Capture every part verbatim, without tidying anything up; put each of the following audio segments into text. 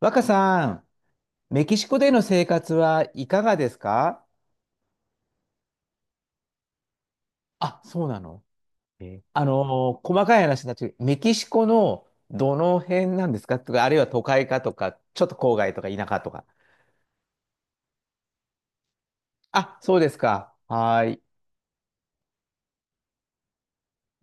若さん、メキシコでの生活はいかがですか？あ、そうなの。えあのー細かい話になっちゃう。メキシコのどの辺なんですかとか、あるいは都会かとか、ちょっと郊外とか田舎とか。あ、そうですか。はーい。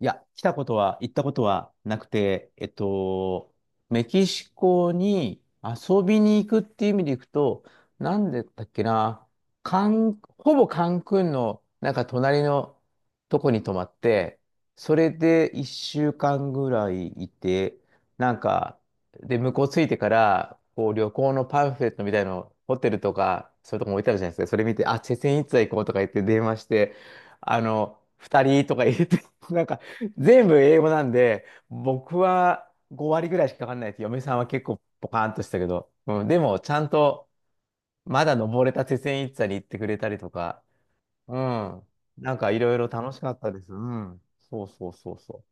いや、来たことは、行ったことはなくて、えっと、メキシコに遊びに行くっていう意味で行くと、なんでだっけな、カン、ほぼカンクンの、なんか隣のとこに泊まって、それでいっしゅうかんぐらいいて、なんか、で、向こう着いてから、こう旅行のパンフレットみたいの、ホテルとか、そういうとこも置いてあるじゃないですか。それ見て、あ、チェセンイツァ行こうとか言って電話して、あの、ふたりとか言って、なんか、全部英語なんで、僕はごわり割ぐらいしかかかんないです。嫁さんは結構ポカーンとしたけど。うん、でも、ちゃんと、まだ登れた鉄線一座に行ってくれたりとか、うん。なんかいろいろ楽しかったです。うん。そうそうそうそう。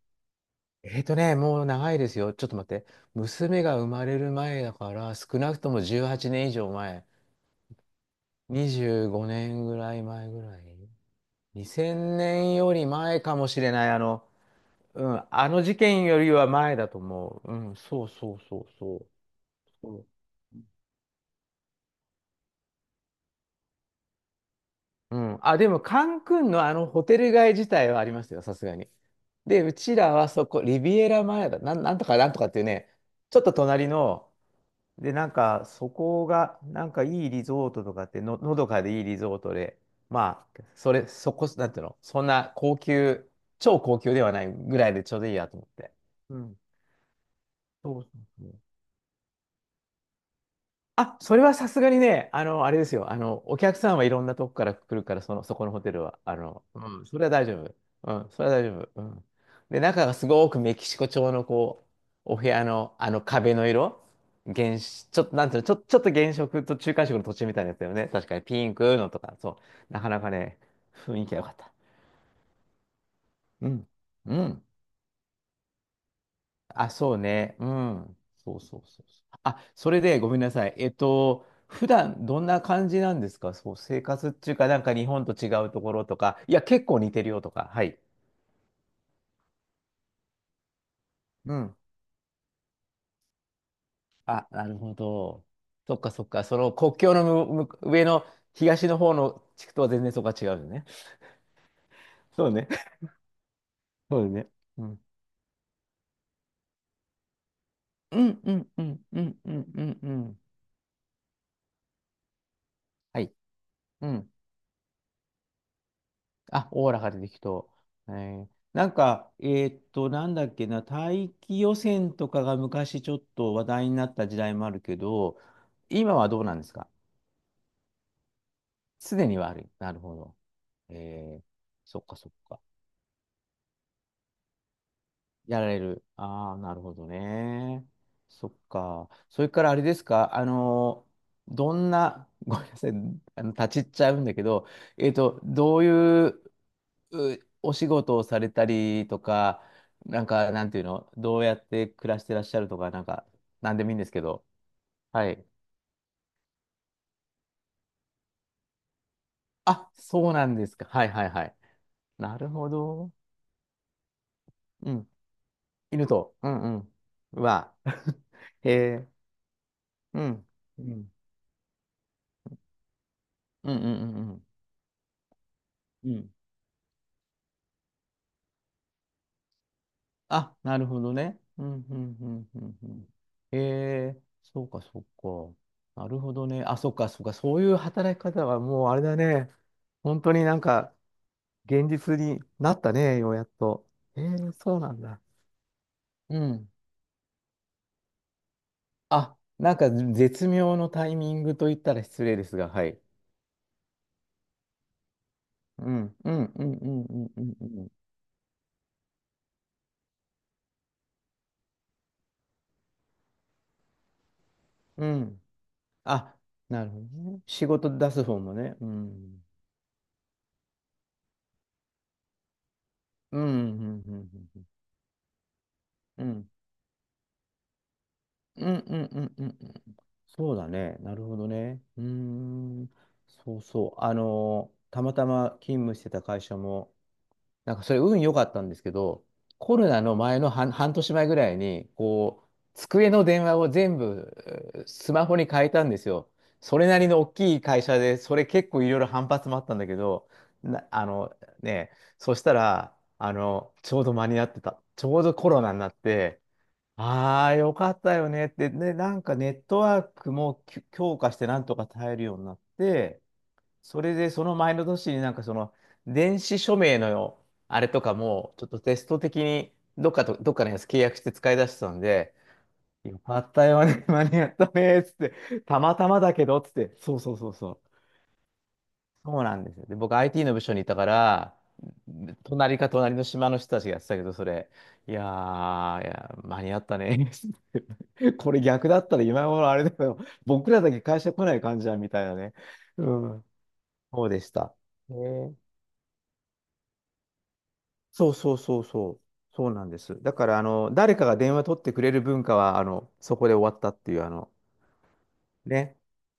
えっとね、もう長いですよ。ちょっと待って。娘が生まれる前だから、少なくともじゅうはちねん以上前。にじゅうごねんぐらい前ぐらい。にせんねんより前かもしれない。あの、うん、あの事件よりは前だと思う。うん、そうそうそうそう。そう。うん、あ、でも、カンクンのあのホテル街自体はありますよ、さすがに。で、うちらはそこ、リビエラ前だ、なん、なんとかなんとかっていうね、ちょっと隣の、で、なんか、そこが、なんかいいリゾートとかって、の、のどかでいいリゾートで、まあ、それ、そこ、なんていうの、そんな高級、超高級ではないぐらいでちょうどいいやと思って。うん。そうそうそう。あ、それはさすがにね、あの、あれですよ。あの、お客さんはいろんなとこから来るから、その、そこのホテルは。あの、うん、それは大丈夫。うん、それは大丈夫。うん。で、中がすごくメキシコ調の、こう、お部屋の、あの壁の色、原色、ちょっと、なんていうの、ちょ、ちょっと原色と中間色の途中みたいなやつだよね。確かに、ピンクのとか、そう。なかなかね、雰囲気が良かった。うん。うん。あ、そうね。うん。そうそうそうそう。あ、それでごめんなさい。えっと、普段どんな感じなんですか？そう、生活っていうか、なんか日本と違うところとか、いや、結構似てるよとか、はい。うん。あ、なるほど。そっかそっか。その国境のむむ上の東の方の地区とは全然そこが違うよね。そうね。そうね。うん。うんうんうんうんうんうんうん。はい。うん。あ、オーラが出てきと。えーなんか、えーっと、なんだっけな、大気汚染とかが昔ちょっと話題になった時代もあるけど、今はどうなんですか？すでに悪い。なるほど。えー、そっかそっか。やられる。ああ、なるほどね。そっか。それからあれですか、あの、どんな、ごめんなさい、あの、立ち入っちゃうんだけど、えーっと、どういううお仕事をされたりとか、なんか、なんていうの、どうやって暮らしてらっしゃるとか、なんか、なんでもいいんですけど。はい。あ、そうなんですか。はいはいはい。なるほど。うん。犬と。うんうん。うわ。へえ。うん。うん。うんうんは、うん。あ、なるほどね。うんうんうんうんうん。へえ。そうかそうか。なるほどね。あ、そっかそっか。そういう働き方はもうあれだね。本当になんか、現実になったね、ようやっと。えー、そうなんだ。うん。あ、なんか絶妙のタイミングと言ったら失礼ですが、はい。うん、うん、うん、うん、うん、うん。うん。うん。あ、なるほどね。仕事出す方もね。うん。うん、うん、うん、うん。うん、うん、うん、うん、うん。うん。そうだね。なるほどね。うーん。そうそう。あのたまたま勤務してた会社も、なんかそれ運良かったんですけど、コロナの前の半、半年前ぐらいに、こう、机の電話を全部えースマホに変えたんですよ。それなりの大きい会社で、それ結構いろいろ反発もあったんだけど、な、あのね、そしたら、あの、ちょうど間に合ってた。ちょうどコロナになって、ああ、よかったよねって、ね、なんかネットワークもき強化してなんとか耐えるようになって、それでその前の年になんかその電子署名のあれとかもちょっとテスト的にどっかと、どっかのやつ契約して使い出してたんで、よかったよね、間に合ったね、つって、たまたまだけど、つって、そうそうそうそう。そうなんですよ。で、僕 アイティー の部署にいたから、隣か隣の島の人たちがやってたけど、それ、いやー、いや、間に合ったね、つってこれ逆だったら今頃あれだけど、僕らだけ会社来ない感じだ、みたいなね。うん、そうでした。へー。そうそうそうそう。そうなんです。だから、あの、誰かが電話取ってくれる文化は、あの、そこで終わったっていう、あの、ね。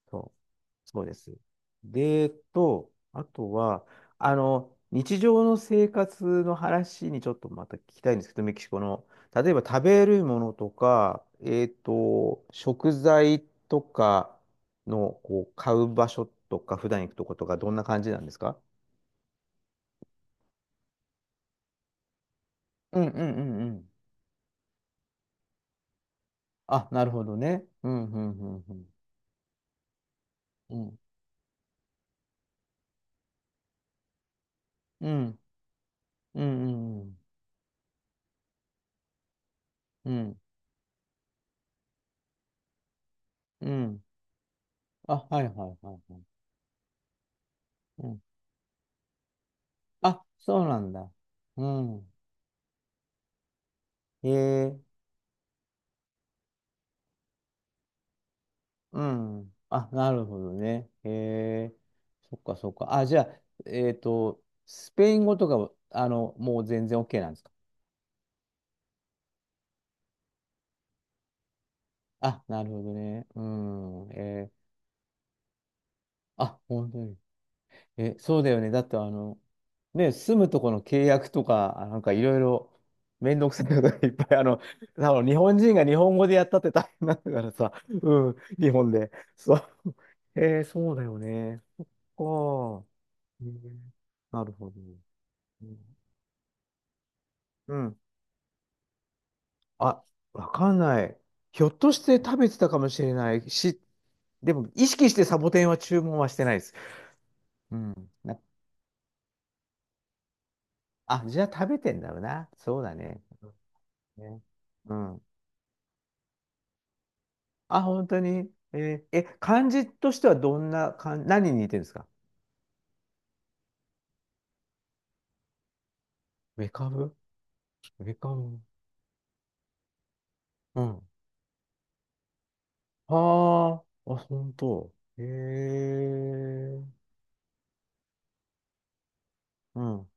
そう、そうです。で、えっと、あとは、あの、日常の生活の話にちょっとまた聞きたいんですけど、メキシコの。例えば食べるものとか、えっと、食材とかの、こう、買う場所とか、普段行くとことか、どんな感じなんですか？うんうんうんうん。あ、なるほどね。うんうんうんうん。うん。うん。うん。うん。うん。あ、はいはいはいはい。うん。あ、そうなんだ。うん。へえ。うん。あ、なるほどね。へえ。そっかそっか。あ、じゃあ、えっと、スペイン語とかは、あの、もう全然 OK なんですか？あ、なるほどね。うん。えー、あ、本当に。え、そうだよね。だってあの、ね、住むとこの契約とか、あなんかいろいろめんどくさいことがいっぱい、あの、多分日本人が日本語でやったって大変なんだからさ、うん、日本で。そう。えー、そうだよね。ああ、えーなるほど。うん。うん。あ、わかんない。ひょっとして食べてたかもしれないし、でも意識してサボテンは注文はしてないです。うん。なあ、じゃあ食べてんだろうな。そうだね。ね。うん。あ、本当に。えーえ、漢字としてはどんな漢、何に似てるんですか？メカブ。メカブ。うん。ああ、あ、本当。へえ。うん。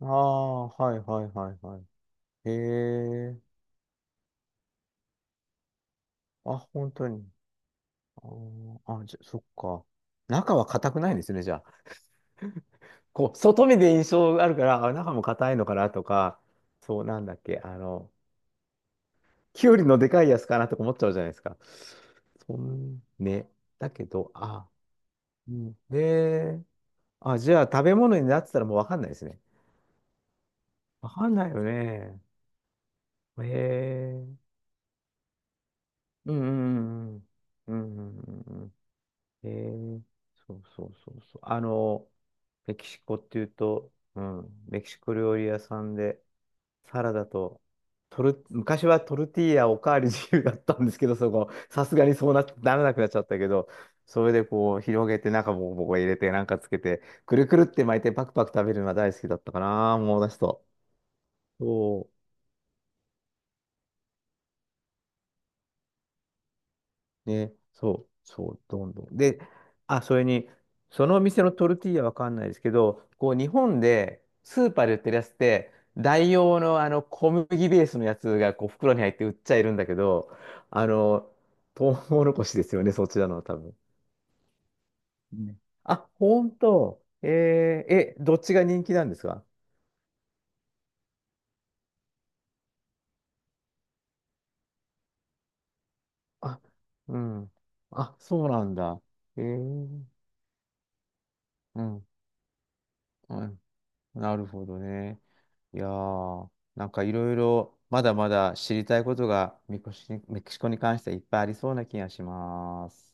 ああ、はいはいはいはい。へえ。あ、本当に。あーあ、じゃ、そっか。中は硬くないんですね、じゃあ。こう、外見で印象があるから、あ、中も硬いのかなとか、そうなんだっけ、あの、きゅうりのでかいやつかなとか思っちゃうじゃないですか。そん、ね。だけど、あ、うん。で、あ、じゃあ食べ物になってたらもうわかんないですね。わかんないよね。へえ。うんうんうんうん。うんうんうんうん。へえ。そうそうそうそう。あの、メキシコっていうと、うん、メキシコ料理屋さんで、サラダと、トル、昔はトルティーヤおかわり自由だったんですけど、そこ、さすがにそうな、ならなくなっちゃったけど、それでこう、広げて、中もボコボコ入れて、なんかつけて、くるくるって巻いて、パクパク食べるのが大好きだったかな、思い出すと。そうね、そう、そう、どんどん。で、あ、それに、そのお店のトルティーヤわかんないですけど、こう、日本でスーパーで売ってるやつって、代用のあの小麦ベースのやつがこう袋に入って売っちゃいるんだけど、あの、トウモロコシですよね、そちらのは多分。ね。あ、ほんと。えーえ、どっちが人気なんですか？あ、うん。あ、そうなんだ。えー、うん。うん。なるほどね。いやー、なんかいろいろまだまだ知りたいことがメキシ、メキシコに関してはいっぱいありそうな気がします。